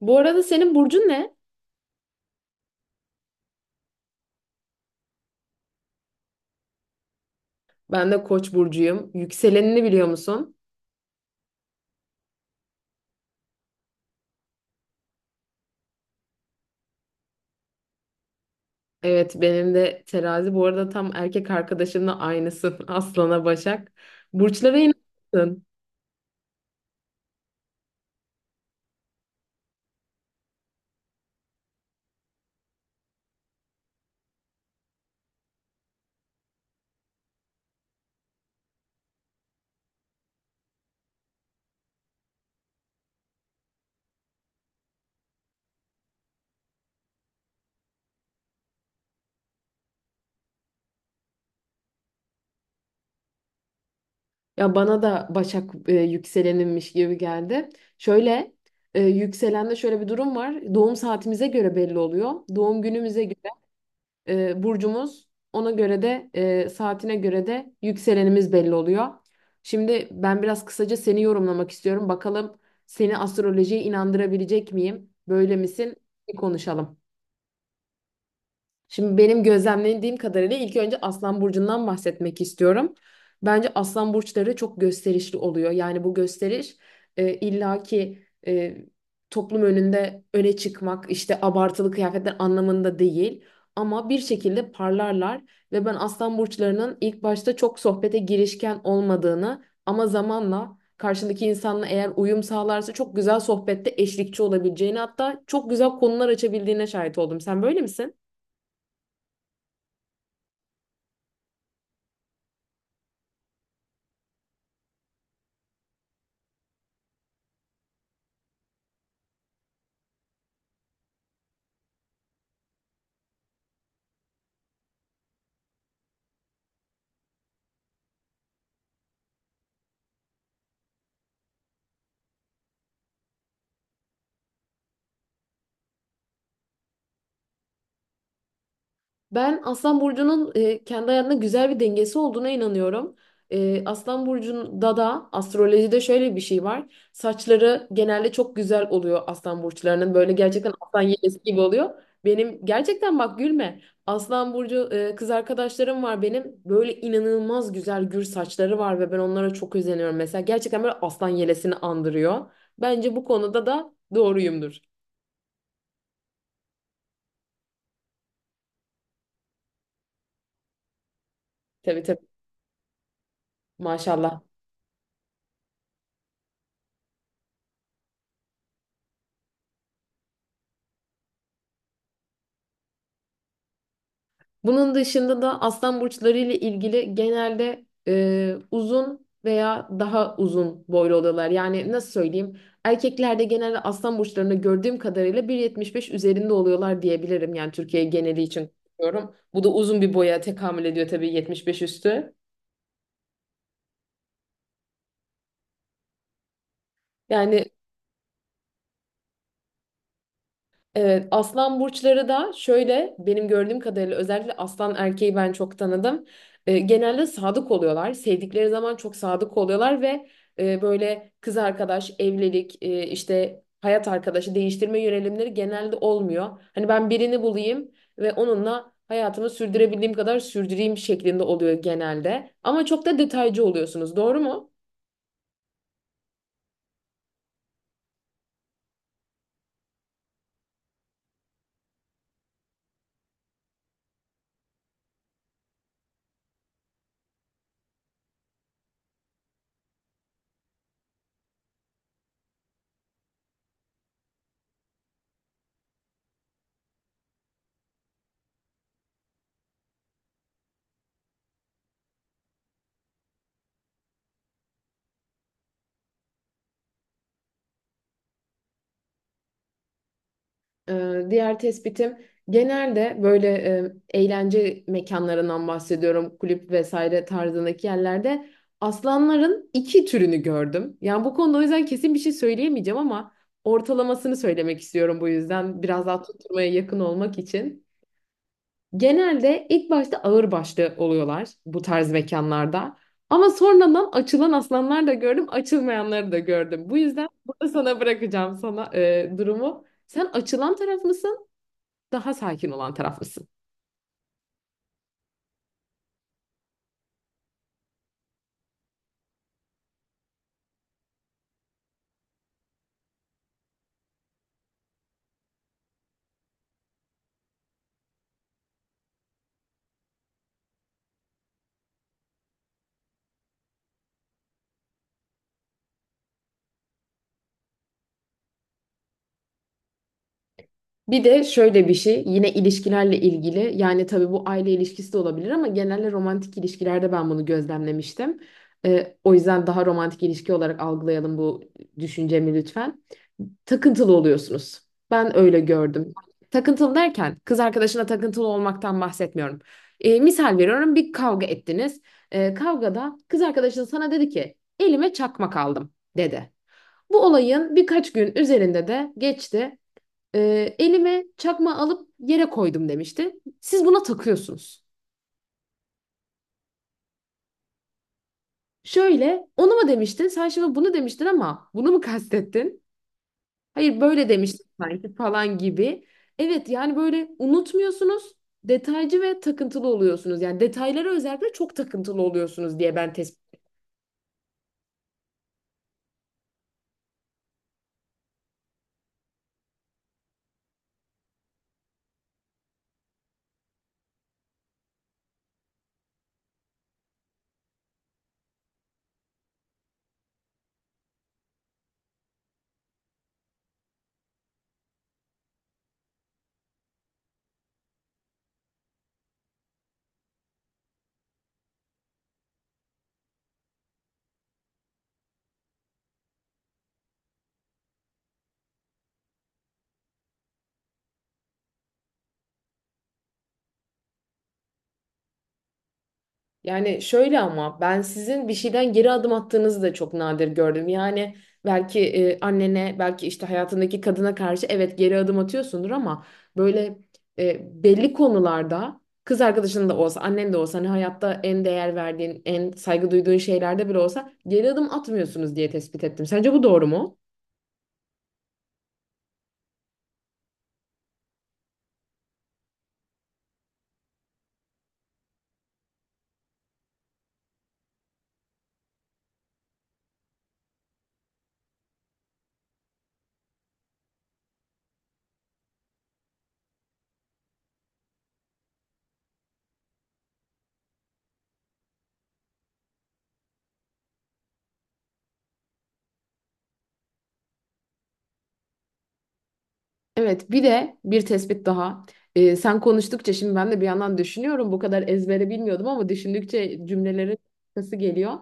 Bu arada senin burcun ne? Ben de Koç burcuyum. Yükselenini biliyor musun? Evet, benim de terazi. Bu arada tam erkek arkadaşımla aynısın. Aslan'a Başak. Burçlara inanıyorsun. Ya bana da Başak yükselenimmiş gibi geldi. Şöyle yükselende şöyle bir durum var. Doğum saatimize göre belli oluyor. Doğum günümüze göre burcumuz. Ona göre de saatine göre de yükselenimiz belli oluyor. Şimdi ben biraz kısaca seni yorumlamak istiyorum. Bakalım seni astrolojiye inandırabilecek miyim? Böyle misin? Bir konuşalım. Şimdi benim gözlemlediğim kadarıyla ilk önce Aslan Burcu'ndan bahsetmek istiyorum. Bence Aslan Burçları çok gösterişli oluyor. Yani bu gösteriş e, illaki e, toplum önünde öne çıkmak, işte abartılı kıyafetler anlamında değil. Ama bir şekilde parlarlar ve ben Aslan Burçlarının ilk başta çok sohbete girişken olmadığını ama zamanla karşındaki insanla eğer uyum sağlarsa çok güzel sohbette eşlikçi olabileceğini hatta çok güzel konular açabildiğine şahit oldum. Sen böyle misin? Ben Aslan Burcu'nun kendi hayatında güzel bir dengesi olduğuna inanıyorum. Aslan Burcu'nda da astrolojide şöyle bir şey var. Saçları genelde çok güzel oluyor Aslan Burçlarının. Böyle gerçekten aslan yelesi gibi oluyor. Benim gerçekten bak gülme. Aslan Burcu kız arkadaşlarım var benim. Böyle inanılmaz güzel gür saçları var ve ben onlara çok özeniyorum. Mesela gerçekten böyle aslan yelesini andırıyor. Bence bu konuda da doğruyumdur. Tabii tabii maşallah. Bunun dışında da aslan burçları ile ilgili genelde uzun veya daha uzun boylu oluyorlar. Yani nasıl söyleyeyim? Erkeklerde genelde aslan burçlarını gördüğüm kadarıyla 1,75 üzerinde oluyorlar diyebilirim. Yani Türkiye geneli için konuşuyorum. Bu da uzun bir boya tekamül ediyor tabii 75 üstü. Yani evet, aslan burçları da şöyle benim gördüğüm kadarıyla özellikle aslan erkeği ben çok tanıdım. Genelde sadık oluyorlar. Sevdikleri zaman çok sadık oluyorlar ve böyle kız arkadaş, evlilik, işte hayat arkadaşı değiştirme yönelimleri genelde olmuyor. Hani ben birini bulayım ve onunla hayatımı sürdürebildiğim kadar sürdüreyim şeklinde oluyor genelde. Ama çok da detaycı oluyorsunuz, doğru mu? Diğer tespitim genelde böyle eğlence mekanlarından bahsediyorum. Kulüp vesaire tarzındaki yerlerde aslanların iki türünü gördüm. Yani bu konuda o yüzden kesin bir şey söyleyemeyeceğim ama ortalamasını söylemek istiyorum bu yüzden biraz daha tutturmaya yakın olmak için. Genelde ilk başta ağırbaşlı oluyorlar bu tarz mekanlarda. Ama sonradan açılan aslanlar da gördüm, açılmayanları da gördüm. Bu yüzden burada sana bırakacağım sana durumu. Sen açılan taraf mısın? Daha sakin olan taraf mısın? Bir de şöyle bir şey yine ilişkilerle ilgili yani tabii bu aile ilişkisi de olabilir ama genelde romantik ilişkilerde ben bunu gözlemlemiştim. O yüzden daha romantik ilişki olarak algılayalım bu düşüncemi lütfen. Takıntılı oluyorsunuz. Ben öyle gördüm. Takıntılı derken kız arkadaşına takıntılı olmaktan bahsetmiyorum. Misal veriyorum bir kavga ettiniz. Kavgada kız arkadaşın sana dedi ki elime çakmak aldım dedi. Bu olayın birkaç gün üzerinde de geçti. Elime çakma alıp yere koydum demişti. Siz buna takıyorsunuz. Şöyle, onu mu demiştin? Sen şimdi bunu demiştin ama bunu mu kastettin? Hayır, böyle demiştin sanki falan gibi. Evet, yani böyle unutmuyorsunuz, detaycı ve takıntılı oluyorsunuz. Yani detaylara özellikle çok takıntılı oluyorsunuz diye ben tespit. Yani şöyle ama ben sizin bir şeyden geri adım attığınızı da çok nadir gördüm. Yani belki annene, belki işte hayatındaki kadına karşı evet geri adım atıyorsundur ama böyle belli konularda kız arkadaşın da olsa, annen de olsa hani hayatta en değer verdiğin, en saygı duyduğun şeylerde bile olsa geri adım atmıyorsunuz diye tespit ettim. Sence bu doğru mu? Evet, bir de bir tespit daha. Sen konuştukça şimdi ben de bir yandan düşünüyorum. Bu kadar ezbere bilmiyordum ama düşündükçe cümlelerin arkası geliyor.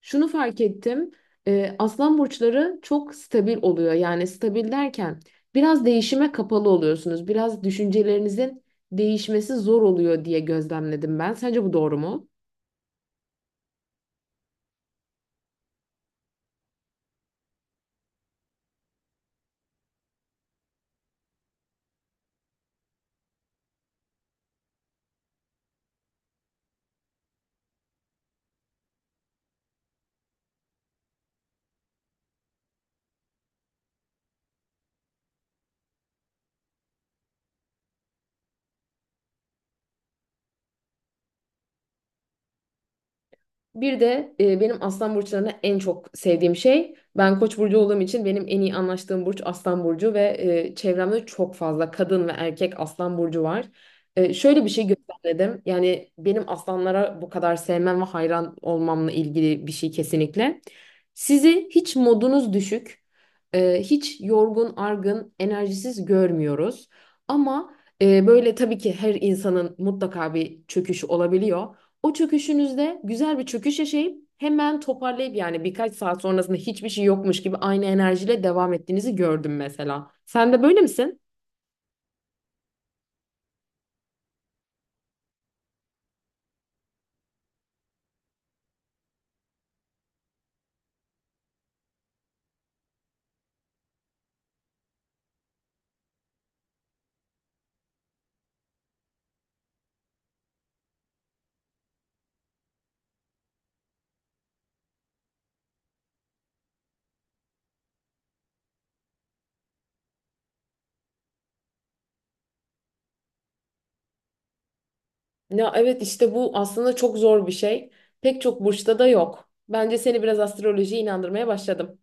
Şunu fark ettim. Aslan burçları çok stabil oluyor. Yani stabil derken biraz değişime kapalı oluyorsunuz. Biraz düşüncelerinizin değişmesi zor oluyor diye gözlemledim ben. Sence bu doğru mu? Bir de benim aslan burçlarına en çok sevdiğim şey ben koç burcu olduğum için benim en iyi anlaştığım burç aslan burcu ve çevremde çok fazla kadın ve erkek aslan burcu var. Şöyle bir şey gözlemledim. Yani benim aslanlara bu kadar sevmem ve hayran olmamla ilgili bir şey kesinlikle. Sizi hiç modunuz düşük, hiç yorgun, argın, enerjisiz görmüyoruz. Ama böyle tabii ki her insanın mutlaka bir çöküşü olabiliyor. O çöküşünüzde güzel bir çöküş yaşayıp hemen toparlayıp yani birkaç saat sonrasında hiçbir şey yokmuş gibi aynı enerjiyle devam ettiğinizi gördüm mesela. Sen de böyle misin? Ya evet işte bu aslında çok zor bir şey. Pek çok burçta da yok. Bence seni biraz astrolojiye inandırmaya başladım.